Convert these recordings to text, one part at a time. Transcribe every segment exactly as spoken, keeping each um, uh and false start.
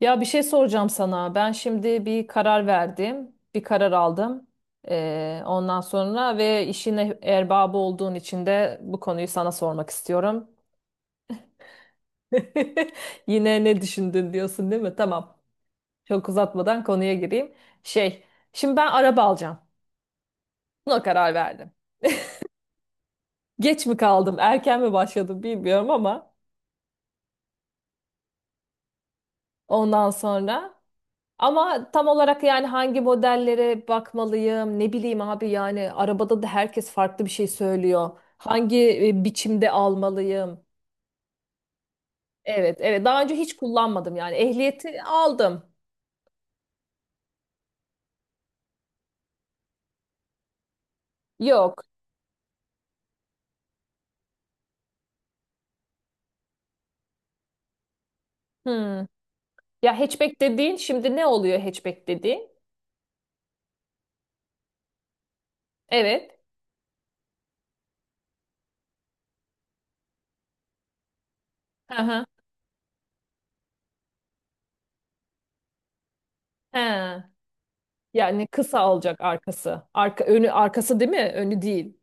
Ya bir şey soracağım sana. Ben şimdi bir karar verdim, bir karar aldım. Ee, ondan sonra ve işin erbabı olduğun için de bu konuyu sana sormak istiyorum. Yine ne düşündün diyorsun değil mi? Tamam. Çok uzatmadan konuya gireyim. Şey, şimdi ben araba alacağım. Buna karar verdim. Geç mi kaldım, erken mi başladım bilmiyorum ama ondan sonra. Ama tam olarak yani hangi modellere bakmalıyım ne bileyim abi yani arabada da herkes farklı bir şey söylüyor. Hangi e, biçimde almalıyım? Evet evet, daha önce hiç kullanmadım yani ehliyeti aldım. Yok. Hmm. Ya hatchback dediğin şimdi ne oluyor hatchback dediğin? Evet. Hı hı. He. Yani kısa olacak arkası. Arka önü arkası değil mi? Önü değil.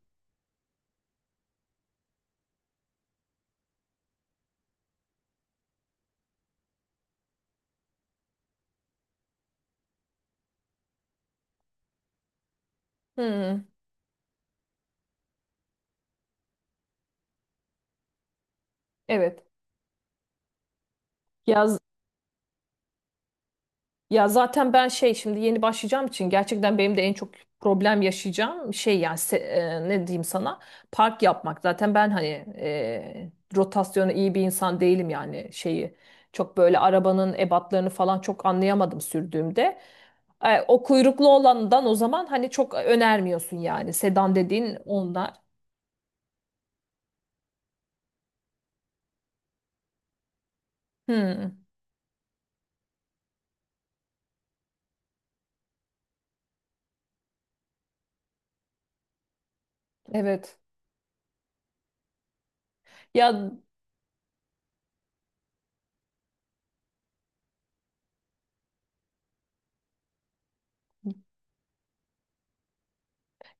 Hmm. Evet. Ya Ya zaten ben şey şimdi yeni başlayacağım için gerçekten benim de en çok problem yaşayacağım şey yani se- e, ne diyeyim sana park yapmak. Zaten ben hani e, rotasyonu iyi bir insan değilim yani şeyi çok böyle arabanın ebatlarını falan çok anlayamadım sürdüğümde. E, o kuyruklu olandan o zaman hani çok önermiyorsun yani sedan dediğin onlar. Hmm, evet. Ya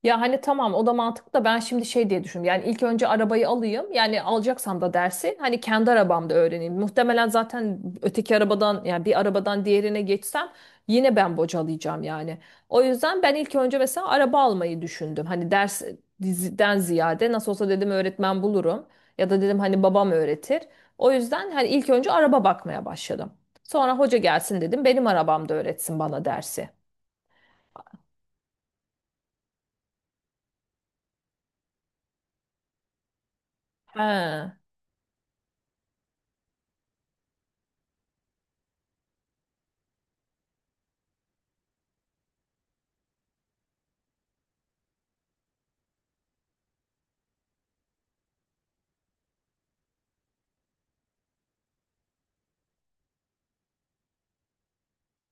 Ya hani tamam o da mantıklı da ben şimdi şey diye düşündüm. Yani ilk önce arabayı alayım. Yani alacaksam da dersi hani kendi arabamda öğreneyim. Muhtemelen zaten öteki arabadan yani bir arabadan diğerine geçsem yine ben bocalayacağım yani. O yüzden ben ilk önce mesela araba almayı düşündüm. Hani ders diziden ziyade nasıl olsa dedim öğretmen bulurum. Ya da dedim hani babam öğretir. O yüzden hani ilk önce araba bakmaya başladım. Sonra hoca gelsin dedim benim arabamda öğretsin bana dersi. He.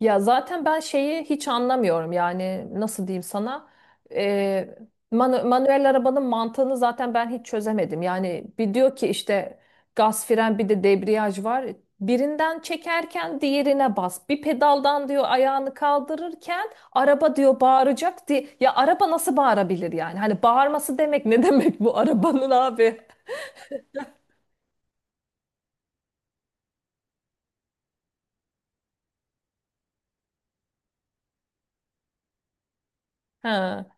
Ya zaten ben şeyi hiç anlamıyorum yani nasıl diyeyim sana. Ee, manu- manuel arabanın mantığını zaten ben hiç çözemedim. Yani bir diyor ki işte gaz fren bir de debriyaj var, birinden çekerken diğerine bas bir pedaldan diyor ayağını kaldırırken araba diyor bağıracak diye, ya araba nasıl bağırabilir yani hani bağırması demek ne demek bu arabanın abi? Ha.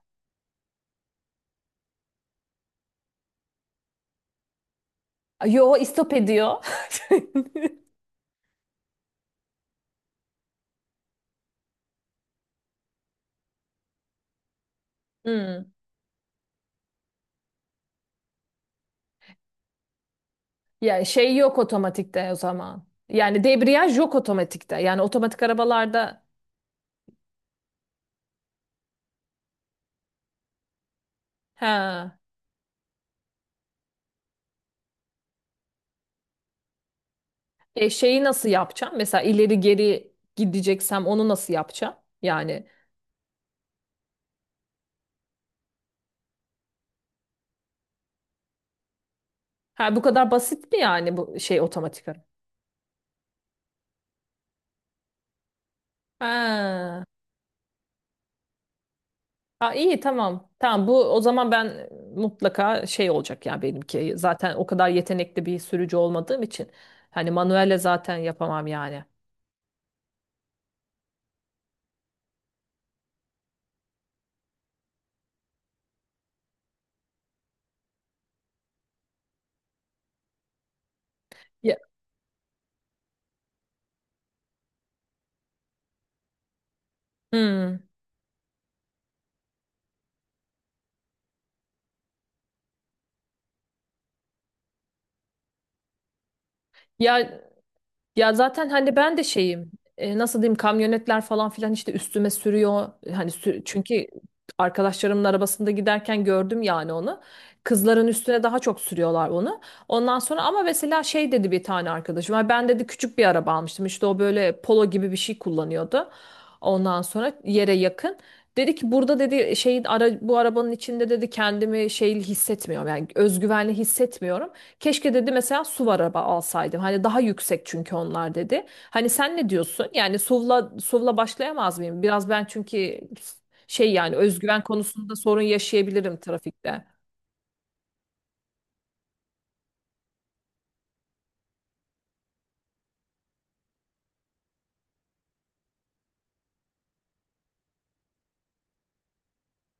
Yo, istop ediyor. Hmm. Ya şey yok otomatikte o zaman. Yani debriyaj yok otomatikte. Yani otomatik arabalarda ha, e şeyi nasıl yapacağım? Mesela ileri geri gideceksem onu nasıl yapacağım? Yani ha bu kadar basit mi yani bu şey otomatik araba? Ha. Ha, iyi tamam. Tamam bu o zaman ben mutlaka şey olacak ya benimki. Zaten o kadar yetenekli bir sürücü olmadığım için. Hani manuelle zaten yapamam yani. Ya, hmm. Ya Ya zaten hani ben de şeyim, e, nasıl diyeyim, kamyonetler falan filan işte üstüme sürüyor hani sü- çünkü arkadaşlarımın arabasında giderken gördüm yani onu, kızların üstüne daha çok sürüyorlar onu. Ondan sonra ama mesela şey dedi bir tane arkadaşım, "Ay, ben dedi küçük bir araba almıştım işte o böyle polo gibi bir şey kullanıyordu, ondan sonra yere yakın dedi ki burada dedi şeyin ara, bu arabanın içinde dedi kendimi şey hissetmiyorum yani özgüvenli hissetmiyorum. Keşke dedi mesela S U V araba alsaydım. Hani daha yüksek çünkü onlar dedi. Hani sen ne diyorsun? Yani S U V'la S U V'la başlayamaz mıyım? Biraz ben çünkü şey yani özgüven konusunda sorun yaşayabilirim trafikte.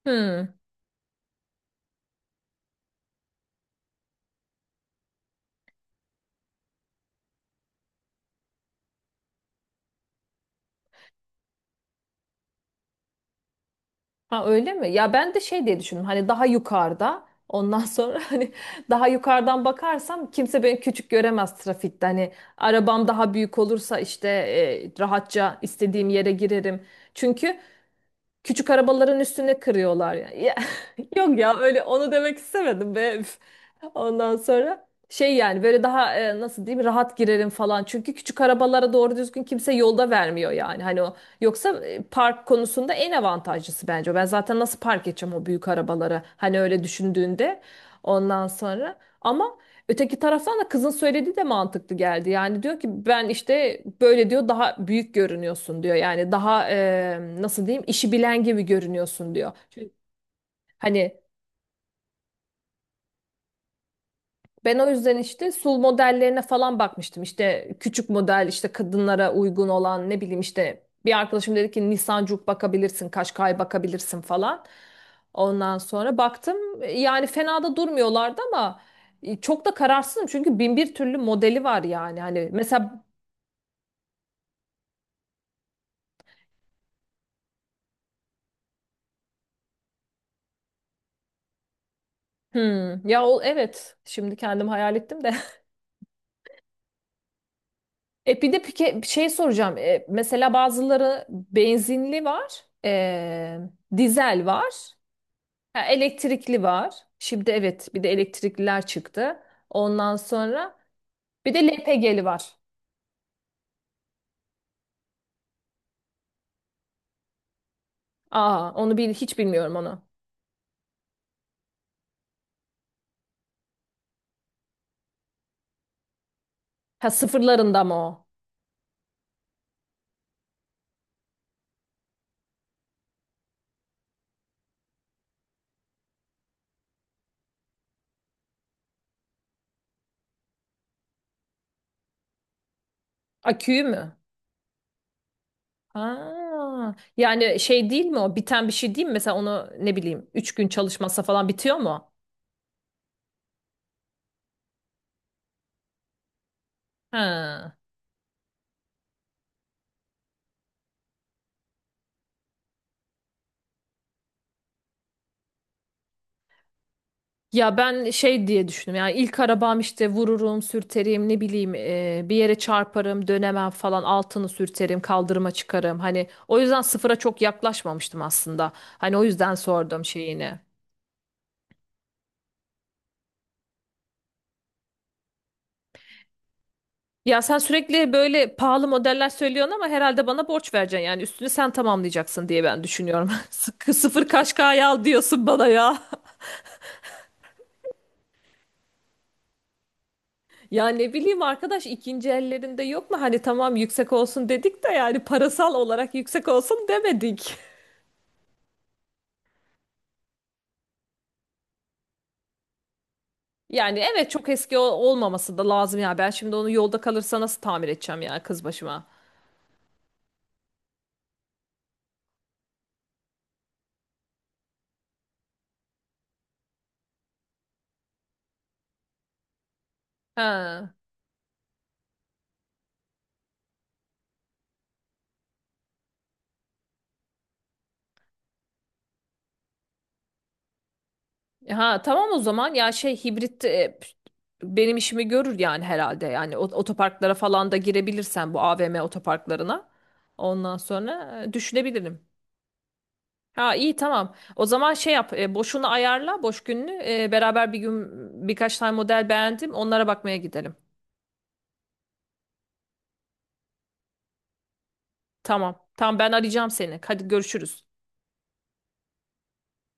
Hmm. Ha öyle mi? Ya ben de şey diye düşündüm. Hani daha yukarıda ondan sonra hani daha yukarıdan bakarsam kimse beni küçük göremez trafikte. Hani arabam daha büyük olursa işte e, rahatça istediğim yere girerim. Çünkü küçük arabaların üstüne kırıyorlar yani. Ya, yok ya öyle onu demek istemedim be. Üf. Ondan sonra şey yani böyle daha e, nasıl diyeyim rahat girerim falan. Çünkü küçük arabalara doğru düzgün kimse yolda vermiyor yani. Hani o yoksa e, park konusunda en avantajlısı bence o. Ben zaten nasıl park edeceğim o büyük arabaları hani öyle düşündüğünde ondan sonra. Ama öteki taraftan da kızın söylediği de mantıklı geldi. Yani diyor ki ben işte böyle diyor daha büyük görünüyorsun diyor. Yani daha e, nasıl diyeyim işi bilen gibi görünüyorsun diyor. Çünkü hani ben o yüzden işte sul modellerine falan bakmıştım. İşte küçük model işte kadınlara uygun olan ne bileyim işte bir arkadaşım dedi ki Nisan Juke bakabilirsin, Kaşkay bakabilirsin falan. Ondan sonra baktım yani fena da durmuyorlardı ama e, çok da kararsızım çünkü bin bir türlü modeli var yani. Hani mesela hmm, ya o evet şimdi kendim hayal ettim de. E bir de pike, bir şey soracağım. E, mesela bazıları benzinli var, e, dizel var, ha, elektrikli var. Şimdi evet bir de elektrikliler çıktı. Ondan sonra bir de L P G'li var. Aa, onu bil, hiç bilmiyorum onu. Ha sıfırlarında mı o? Aküyü mü? Aa, yani şey değil mi o? Biten bir şey değil mi? Mesela onu ne bileyim üç gün çalışmazsa falan bitiyor mu? Ha. Ya ben şey diye düşündüm. Yani ilk arabam işte vururum, sürterim, ne bileyim e, bir yere çarparım, dönemem falan, altını sürterim, kaldırıma çıkarım. Hani o yüzden sıfıra çok yaklaşmamıştım aslında. Hani o yüzden sordum şeyini. Ya sen sürekli böyle pahalı modeller söylüyorsun ama herhalde bana borç vereceksin. Yani üstünü sen tamamlayacaksın diye ben düşünüyorum. Sıkı sıfır kaşkaya al diyorsun bana ya. Ya ne bileyim arkadaş ikinci ellerinde yok mu? Hani tamam yüksek olsun dedik de yani parasal olarak yüksek olsun demedik. Yani evet çok eski ol- olmaması da lazım ya. Ben şimdi onu yolda kalırsa nasıl tamir edeceğim ya kız başıma. Ha. Ha tamam o zaman ya şey hibrit e, benim işimi görür yani herhalde. Yani ot- otoparklara falan da girebilirsen bu A V M otoparklarına. Ondan sonra e, düşünebilirim. Ha iyi tamam. O zaman şey yap e, boşunu ayarla boş gününü. E, beraber bir gün birkaç tane model beğendim. Onlara bakmaya gidelim. Tamam. Tamam ben arayacağım seni. Hadi görüşürüz.